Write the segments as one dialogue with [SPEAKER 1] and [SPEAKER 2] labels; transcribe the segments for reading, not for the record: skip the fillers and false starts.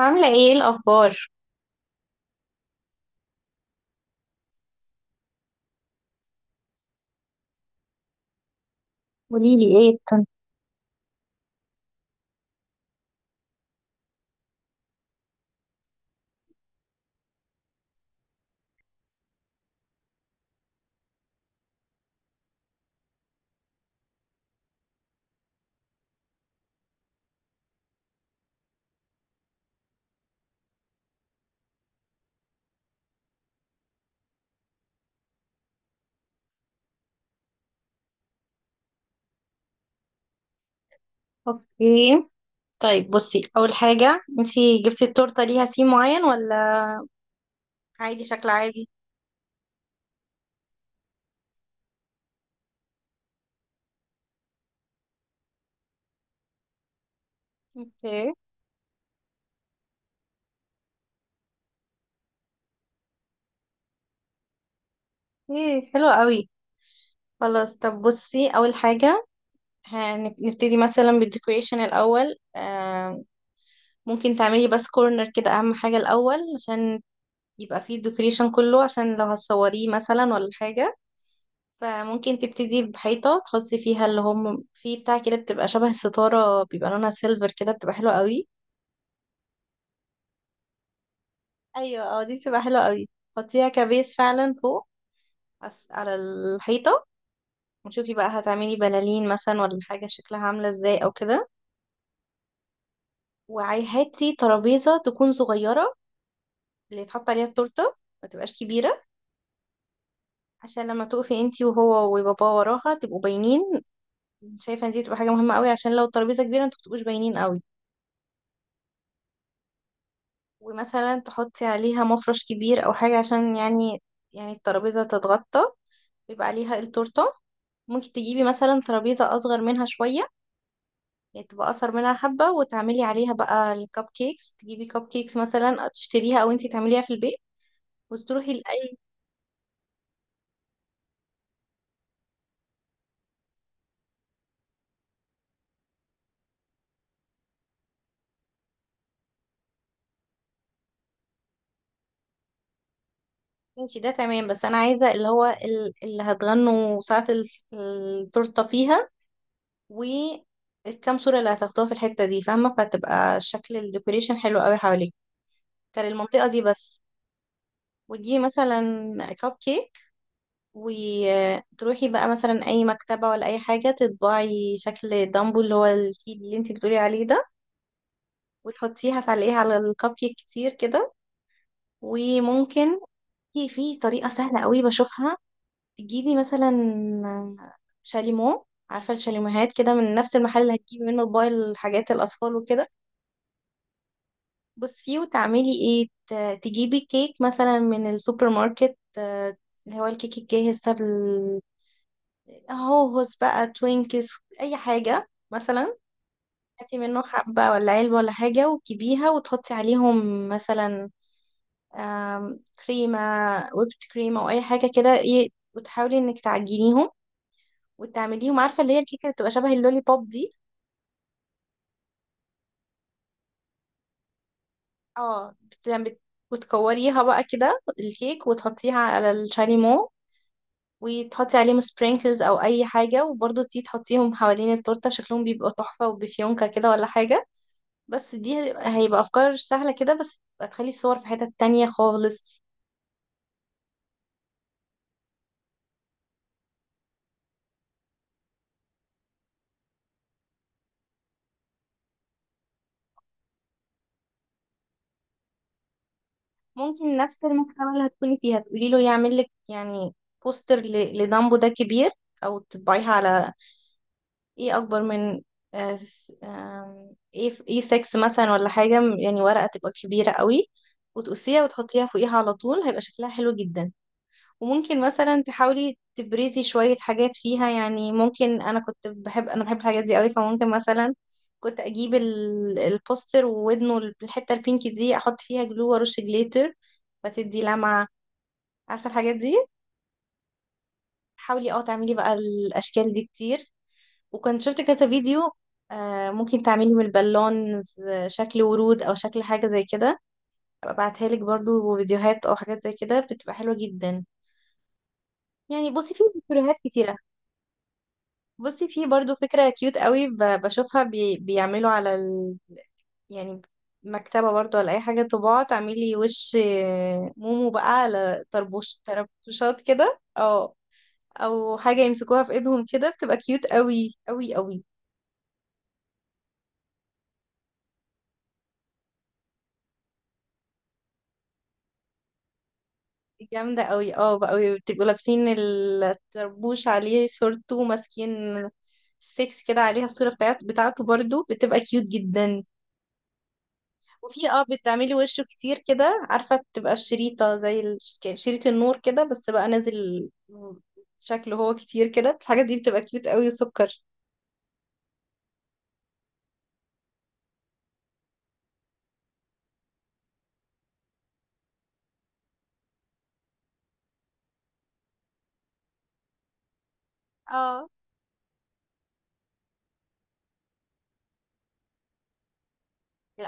[SPEAKER 1] عاملة ايه الأخبار؟ قوليلي ايه التن. اوكي، طيب بصي أول حاجة، انتي جبتي التورتة ليها سيم معين ولا عادي، شكل عادي؟ اوكي. ايه، حلو قوي. خلاص، طب بصي أول حاجة، هنبتدي مثلا بالديكوريشن الأول. ممكن تعملي بس كورنر كده، أهم حاجة الأول عشان يبقى فيه الديكوريشن كله، عشان لو هتصوريه مثلا ولا حاجة. فممكن تبتدي بحيطة تحطي فيها اللي هم في بتاع كده، بتبقى شبه الستارة، بيبقى لونها سيلفر كده، بتبقى حلوة قوي. ايوه اه، دي بتبقى حلوة قوي. حطيها كبيس فعلا فوق، على الحيطة. وشوفي بقى هتعملي بلالين مثلا ولا حاجة، شكلها عاملة ازاي او كده. وهاتي ترابيزة تكون صغيرة، اللي يتحط عليها التورتة، ما تبقاش كبيرة، عشان لما تقفي انتي وهو وبابا وراها تبقوا باينين. شايفة ان دي تبقى حاجة مهمة قوي، عشان لو الترابيزة كبيرة انتوا متبقوش باينين قوي. ومثلا تحطي عليها مفرش كبير او حاجة، عشان يعني يعني الترابيزة تتغطى، بيبقى عليها التورتة. ممكن تجيبي مثلا ترابيزة اصغر منها شوية، يعني تبقى اصغر منها حبة، وتعملي عليها بقى الكب كيكس، تجيبي كب كيكس مثلا تشتريها او انتي تعمليها في البيت، وتروحي لأي. انتي ده تمام، بس انا عايزة اللي هو اللي هتغنوا ساعة التورتة فيها، والكام صورة اللي هتاخدوها في الحتة دي فاهمة، فتبقى شكل الديكوريشن حلو قوي حواليك. كان المنطقة دي بس. وتجيبي مثلا كب كيك، وتروحي بقى مثلا اي مكتبة ولا اي حاجة تطبعي شكل دامبو، اللي هو الفيل اللي انتي بتقولي عليه ده. وتحطيها تعلقيها على الكب كيك كتير كده. وممكن في طريقة سهلة قوي بشوفها، تجيبي مثلا شاليمو، عارفة الشاليموهات كده، من نفس المحل اللي هتجيبي منه باقي الحاجات الأطفال وكده. بصي وتعملي ايه، تجيبي كيك مثلا من السوبر ماركت، اللي هو الكيك الجاهز ده، هوهوس بقى، توينكس، اي حاجة مثلا. هاتي منه حبة ولا علبة ولا حاجة، وتجيبيها وتحطي عليهم مثلا آم، كريمة ويبت كريم او اي حاجة كده، ايه، وتحاولي انك تعجنيهم وتعمليهم، عارفة اللي هي الكيكة اللي بتبقى شبه اللولي بوب دي. اه بت... بت... وتكوريها بقى كده الكيك، وتحطيها على الشاليمو، وتحطي عليهم سبرينكلز او اي حاجة، وبرضه تيجي تحطيهم حوالين التورتة، شكلهم بيبقى تحفة، وبفيونكة كده ولا حاجة. بس دي هيبقى افكار سهله كده، بس هتخلي الصور في حتت تانية خالص. ممكن نفس المكتبه اللي هتكوني فيها تقولي له يعمل لك يعني بوستر لدامبو ده كبير، او تطبعيها على ايه اكبر من، آه، س- آم، ايه، ايه 6 مثلا ولا حاجه، يعني ورقه تبقى كبيره قوي، وتقصيها وتحطيها فوقيها على طول، هيبقى شكلها حلو جدا. وممكن مثلا تحاولي تبرزي شوية حاجات فيها، يعني ممكن، أنا بحب الحاجات دي قوي، فممكن مثلا كنت أجيب البوستر، وودنه الحتة البينك دي أحط فيها جلو وأرش جليتر، فتدي لمعة، عارفة الحاجات دي. حاولي اه تعملي بقى الأشكال دي كتير. وكنت شفت كذا فيديو، آه ممكن تعملي من البالون شكل ورود أو شكل حاجة زي كده، أبقى أبعتها لك برضو فيديوهات أو حاجات زي كده، بتبقى حلوة جدا. يعني بصي في فيديوهات كتير. بصي في برضو فكرة كيوت قوي، بشوفها، بي بيعملوا على ال... يعني مكتبة برضو ولا أي حاجة طباعة، تعملي وش مومو بقى على طربوش، طربوشات كده اه، أو حاجة يمسكوها في ايدهم كده، بتبقى كيوت قوي قوي قوي. جامدة قوي، اه بقى قوي، بتبقوا لابسين الطربوش عليه صورته، ماسكين ستيكس كده عليها الصورة بتاعته، برضو بتبقى كيوت جدا. وفي اه بتعملي وشه كتير كده، عارفة تبقى الشريطة زي شريط النور كده، بس بقى نازل شكله هو كتير كده، الحاجة دي بتبقى كيوت قوي وسكر. اه،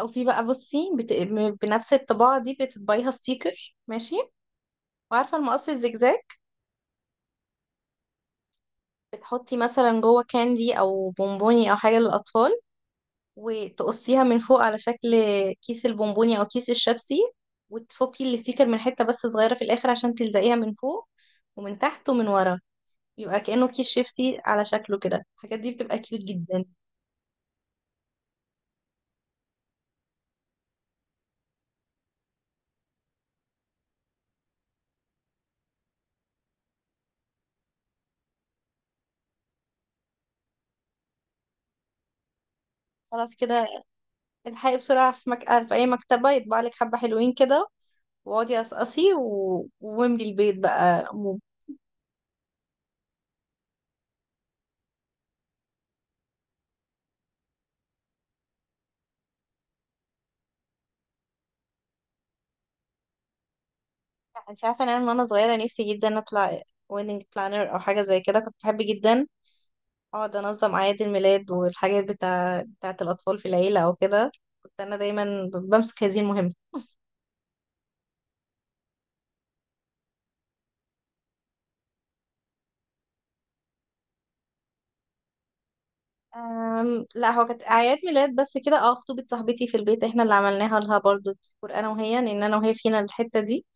[SPEAKER 1] او في بقى بصي بنفس الطباعة دي بتطبعيها ستيكر، ماشي، وعارفة المقص الزجزاج، بتحطي مثلا جوه كاندي او بونبوني او حاجة للأطفال، وتقصيها من فوق على شكل كيس البونبوني او كيس الشبسي، وتفكي الستيكر من حتة بس صغيرة في الآخر عشان تلزقيها من فوق ومن تحت ومن ورا، يبقى كأنه كيس شيبسي على شكله كده، الحاجات دي بتبقى كيوت جدا. خلاص كده، الحقي بسرعة في في أي مكتبة يطبع لك حبة حلوين كده، واقعدي قصقصي و... واملي البيت بقى موب. لا، انت عارفة إن أنا من وأنا صغيرة نفسي جدا أطلع ويدنج بلانر أو حاجة زي كده، كنت بحب جدا أقعد أنظم أعياد الميلاد والحاجات بتاعة الأطفال في العيلة أو كده، كنت أنا دايما بمسك هذه المهمة. لا، هو كانت اعياد ميلاد بس كده، اه خطوبة صاحبتي في البيت احنا اللي عملناها لها برضو، ديكور انا وهي، لان انا وهي فينا الحتة دي،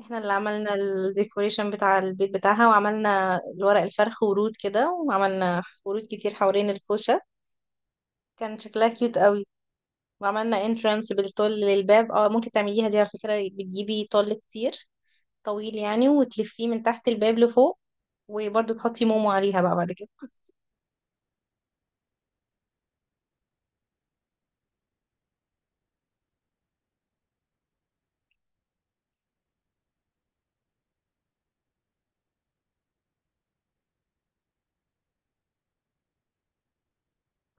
[SPEAKER 1] احنا اللي عملنا الديكوريشن بتاع البيت بتاعها، وعملنا الورق الفرخ ورود كده، وعملنا ورود كتير حوالين الكوشة. كان شكلها كيوت قوي. وعملنا انترانس بالطول للباب، اه ممكن تعمليها دي على فكرة، بتجيبي طول كتير طويل يعني، وتلفيه من تحت الباب لفوق، وبرضو تحطي مومو عليها بقى بعد كده.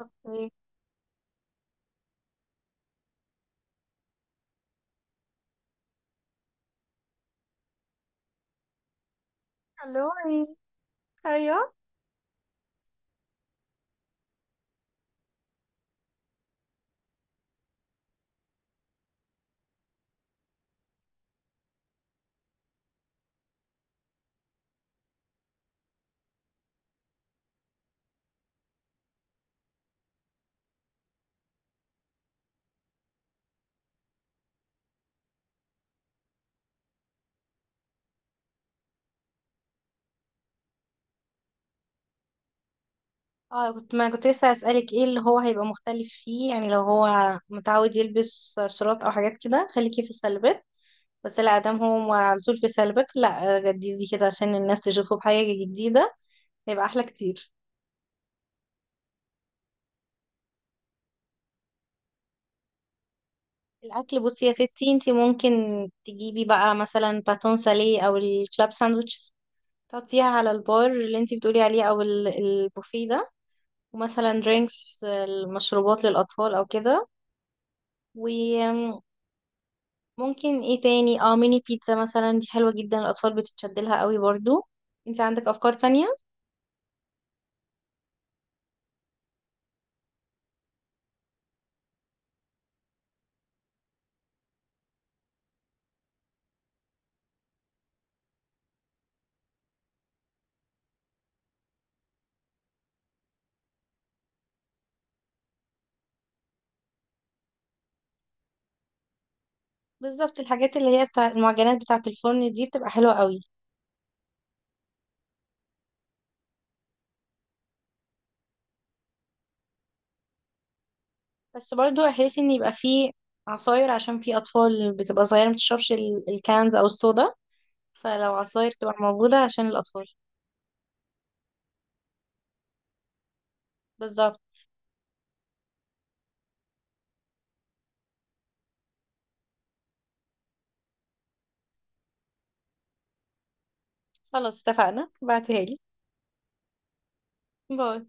[SPEAKER 1] اوكي. الو، ايوه اه، كنت ما كنت لسه هسألك ايه اللي هو هيبقى مختلف فيه، يعني لو هو متعود يلبس شراط او حاجات كده، خليكي في السلبات. بس لا، دام هو على طول في سلبات، لا جديدي كده عشان الناس تشوفه بحاجة جديدة، هيبقى احلى كتير. الاكل، بصي يا ستي انتي، ممكن تجيبي بقى مثلا باتون ساليه او الكلاب ساندويتش، تحطيها على البار اللي انتي بتقولي عليه او البوفيه ده، ومثلا درينكس، المشروبات للاطفال او كده. ممكن ايه تاني، اه ميني بيتزا مثلا، دي حلوة جدا، الأطفال بتتشد لها قوي برضو. انت عندك أفكار تانية. بالظبط، الحاجات اللي هي بتاع المعجنات بتاعة الفرن دي بتبقى حلوة قوي. بس برضو احس ان يبقى فيه عصاير، عشان في أطفال بتبقى صغيرة متشربش الكانز أو الصودا، فلو عصاير تبقى موجودة عشان الأطفال. بالظبط. خلاص اتفقنا، بعتها لي. باي.